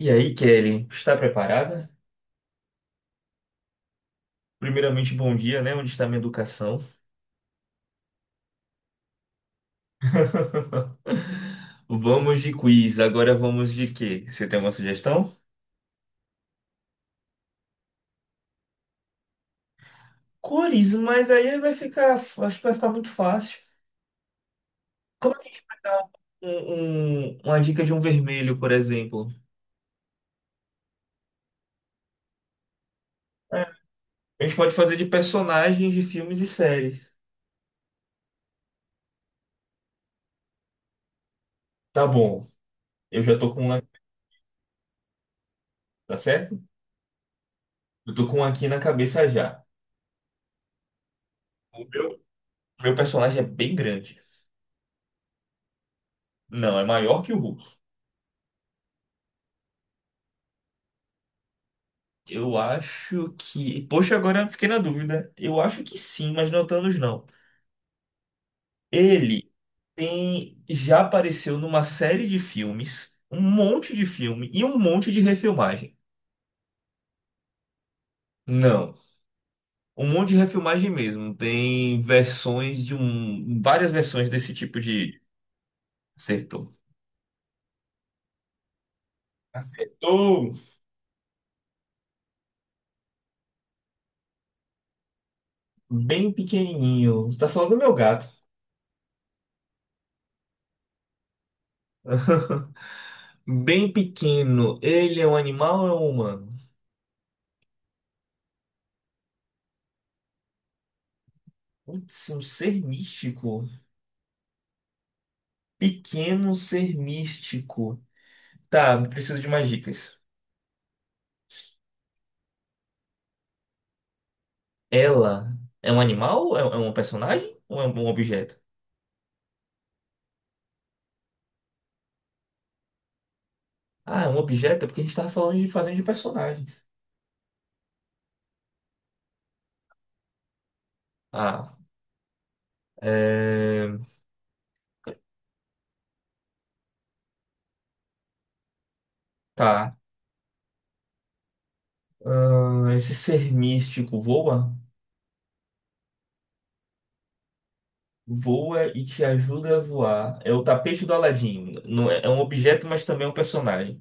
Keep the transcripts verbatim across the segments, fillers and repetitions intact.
E aí, Kelly, está preparada? Primeiramente, bom dia, né? Onde está minha educação? Vamos de quiz. Agora vamos de quê? Você tem alguma sugestão? Cores, mas aí vai ficar, acho que vai ficar muito fácil. Como é que a gente vai dar um- um- uma dica de um vermelho, por exemplo? É, a gente pode fazer de personagens de filmes e séries. Tá bom. Eu já tô com um, na- tá certo? Eu tô com um aqui na cabeça já. O meu, meu personagem é bem grande. Não, é maior que o Hulk. Eu acho que. Poxa, agora eu fiquei na dúvida. Eu acho que sim, mas não é o Thanos, não. Ele tem... já apareceu numa série de filmes, um monte de filme e um monte de refilmagem. Não, um monte de refilmagem mesmo. Tem versões de um. Várias versões desse tipo de. Acertou. Acertou! Bem pequenininho. Você tá falando do meu gato. Bem pequeno. Ele é um animal ou é um humano? Putz, é um ser místico. Pequeno ser místico. Tá, preciso de mais dicas. Ela é um animal? É é um personagem? Ou é um objeto? Ah, é um objeto? É porque a gente tava falando de fazendo de personagens. Ah, é... Tá. Ahn, esse ser místico voa? Voa e te ajuda a voar. É o tapete do Aladim. Não é, é um objeto, mas também é um personagem.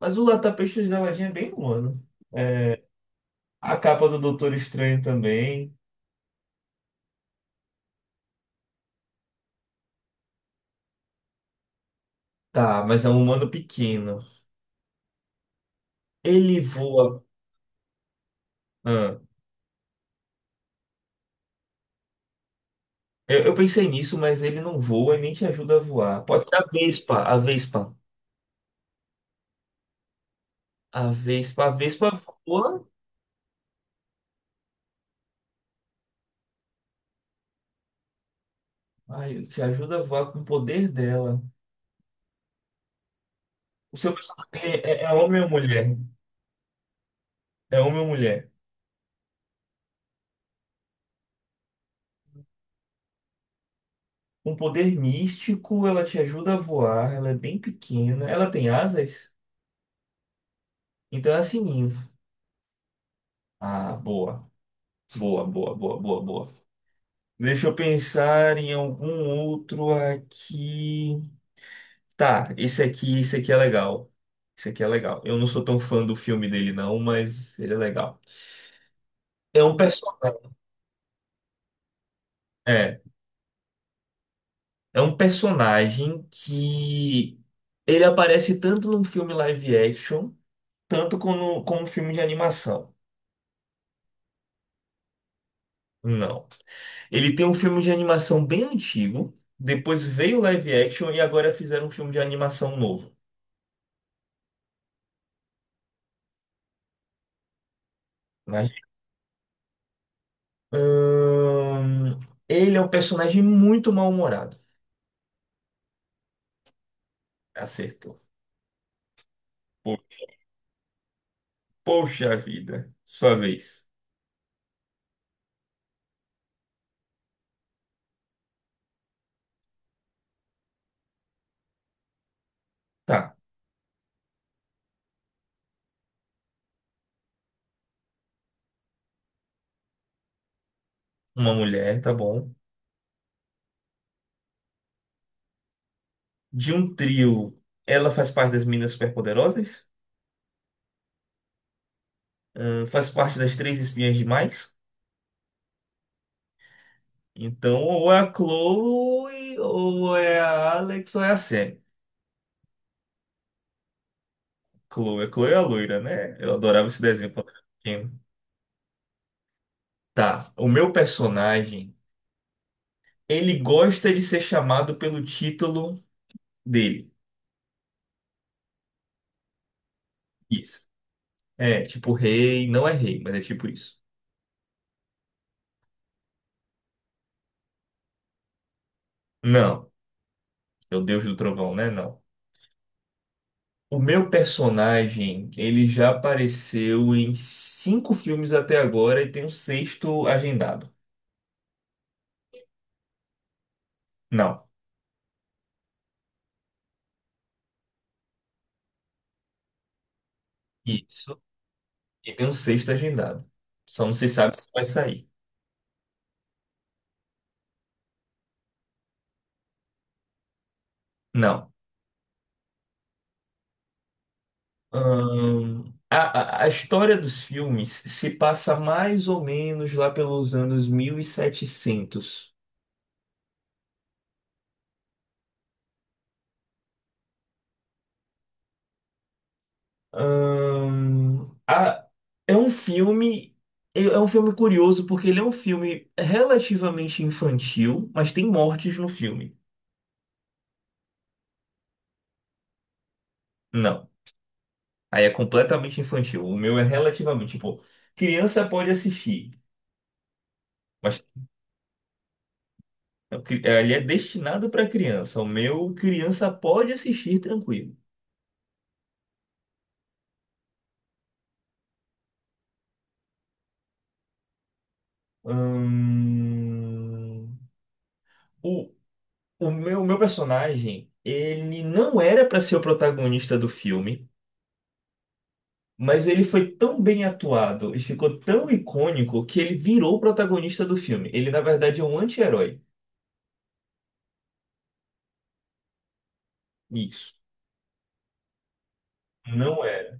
Mas o tapete do Aladim é bem humano. A capa do Doutor Estranho também. Tá, mas é um humano pequeno. Ele voa. Ah, eu, eu pensei nisso, mas ele não voa e nem te ajuda a voar. Pode ser a Vespa, a Vespa. A Vespa, a Vespa voa, ai, te ajuda a voar com o poder dela. O seu personagem é, é é homem ou mulher? É homem ou mulher? Um poder místico, ela te ajuda a voar, ela é bem pequena, ela tem asas, então é assim ninho. Ah, boa, boa, boa, boa, boa, boa. Deixa eu pensar em algum outro aqui. Tá, esse aqui, esse aqui é legal. Esse aqui é legal. Eu não sou tão fã do filme dele, não, mas ele é legal. É um personagem. É, é um personagem que ele aparece tanto num filme live action, tanto como, como um filme de animação. Não. Ele tem um filme de animação bem antigo, depois veio o live action e agora fizeram um filme de animação novo. Mas, hum, ele é um personagem muito mal-humorado. Acertou. Poxa vida, sua vez. Tá, uma mulher, tá bom. De um trio, ela faz parte das Meninas Superpoderosas, ahn, faz parte das Três Espiãs Demais. Então, ou é a Chloe, ou é a Alex, ou é a Sam. Chloe, a Chloe é a loira, né? Eu adorava esse desenho quando era pequeno. Tá, o meu personagem, ele gosta de ser chamado pelo título dele. Isso. É, tipo rei, não é rei, mas é tipo isso. Não, é o Deus do Trovão, né? Não. O meu personagem, ele já apareceu em cinco filmes até agora e tem um sexto agendado. Não. Isso. E tem um sexto agendado. Só não se sabe se vai sair. Não. Ahn, a, a a história dos filmes se passa mais ou menos lá pelos anos mil e setecentos. Ahn, a- é um filme. É é um filme curioso porque ele é um filme relativamente infantil, mas tem mortes no filme. Não. Aí é completamente infantil. O meu é relativamente, tipo, criança pode assistir, mas cri- eh, ele é destinado para criança. O meu, criança pode assistir tranquilo. Hum, O, o meu, o meu personagem, ele não era para ser o protagonista do filme, mas ele foi tão bem atuado e ficou tão icônico que ele virou o protagonista do filme. Ele, na verdade, é um anti-herói. Isso. Não é.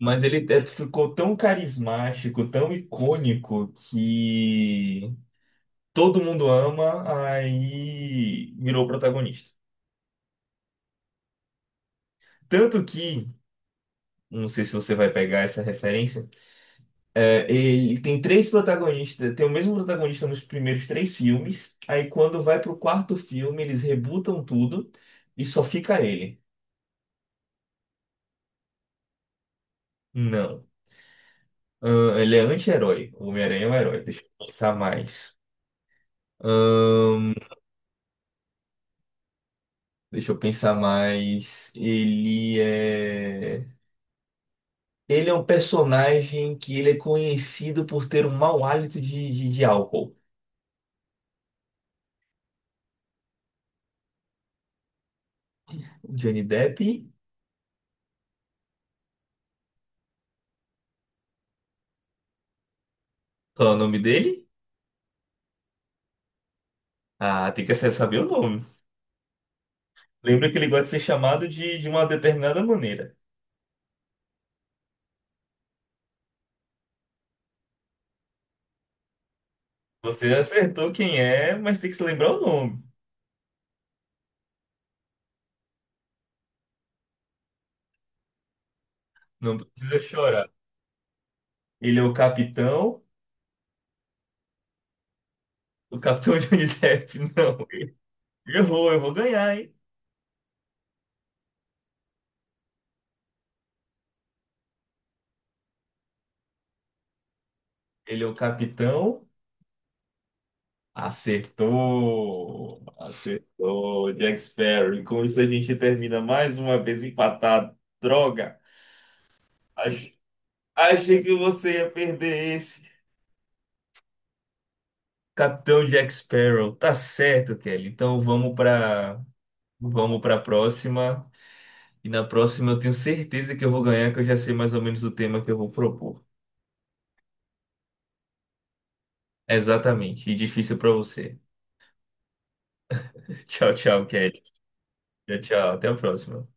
Mas ele é, ficou tão carismático, tão icônico, que todo mundo ama, aí virou protagonista. Tanto que, não sei se você vai pegar essa referência, é, ele tem três protagonistas, tem o mesmo protagonista nos primeiros três filmes, aí quando vai pro quarto filme, eles rebutam tudo e só fica ele. Não. Ahn, ele é anti-herói. O Homem-Aranha é um herói, deixa eu pensar mais. Deixa eu pensar mais. Ele é. Ele é um personagem que ele é conhecido por ter um mau hálito de, de, de álcool. Johnny Depp. Qual é o nome dele? Ah, tem que acessar- saber o nome. Lembra que ele gosta de ser chamado de, de uma determinada maneira. Você já acertou quem é, mas tem que se lembrar o nome. Não precisa chorar. Ele é o capitão. O capitão Johnny Depp, não. Errou, eu vou ganhar, hein? Ele é o capitão. Acertou! Acertou, Jack Sparrow. E com isso a gente termina mais uma vez empatado. Droga! Ach- Achei que você ia perder esse. Capitão Jack Sparrow. Tá certo, Kelly. Então vamos para vamos para a próxima. E na próxima eu tenho certeza que eu vou ganhar, que eu já sei mais ou menos o tema que eu vou propor. Exatamente. E difícil para você. Tchau, tchau, Kelly. Tchau, tchau. Até a próxima.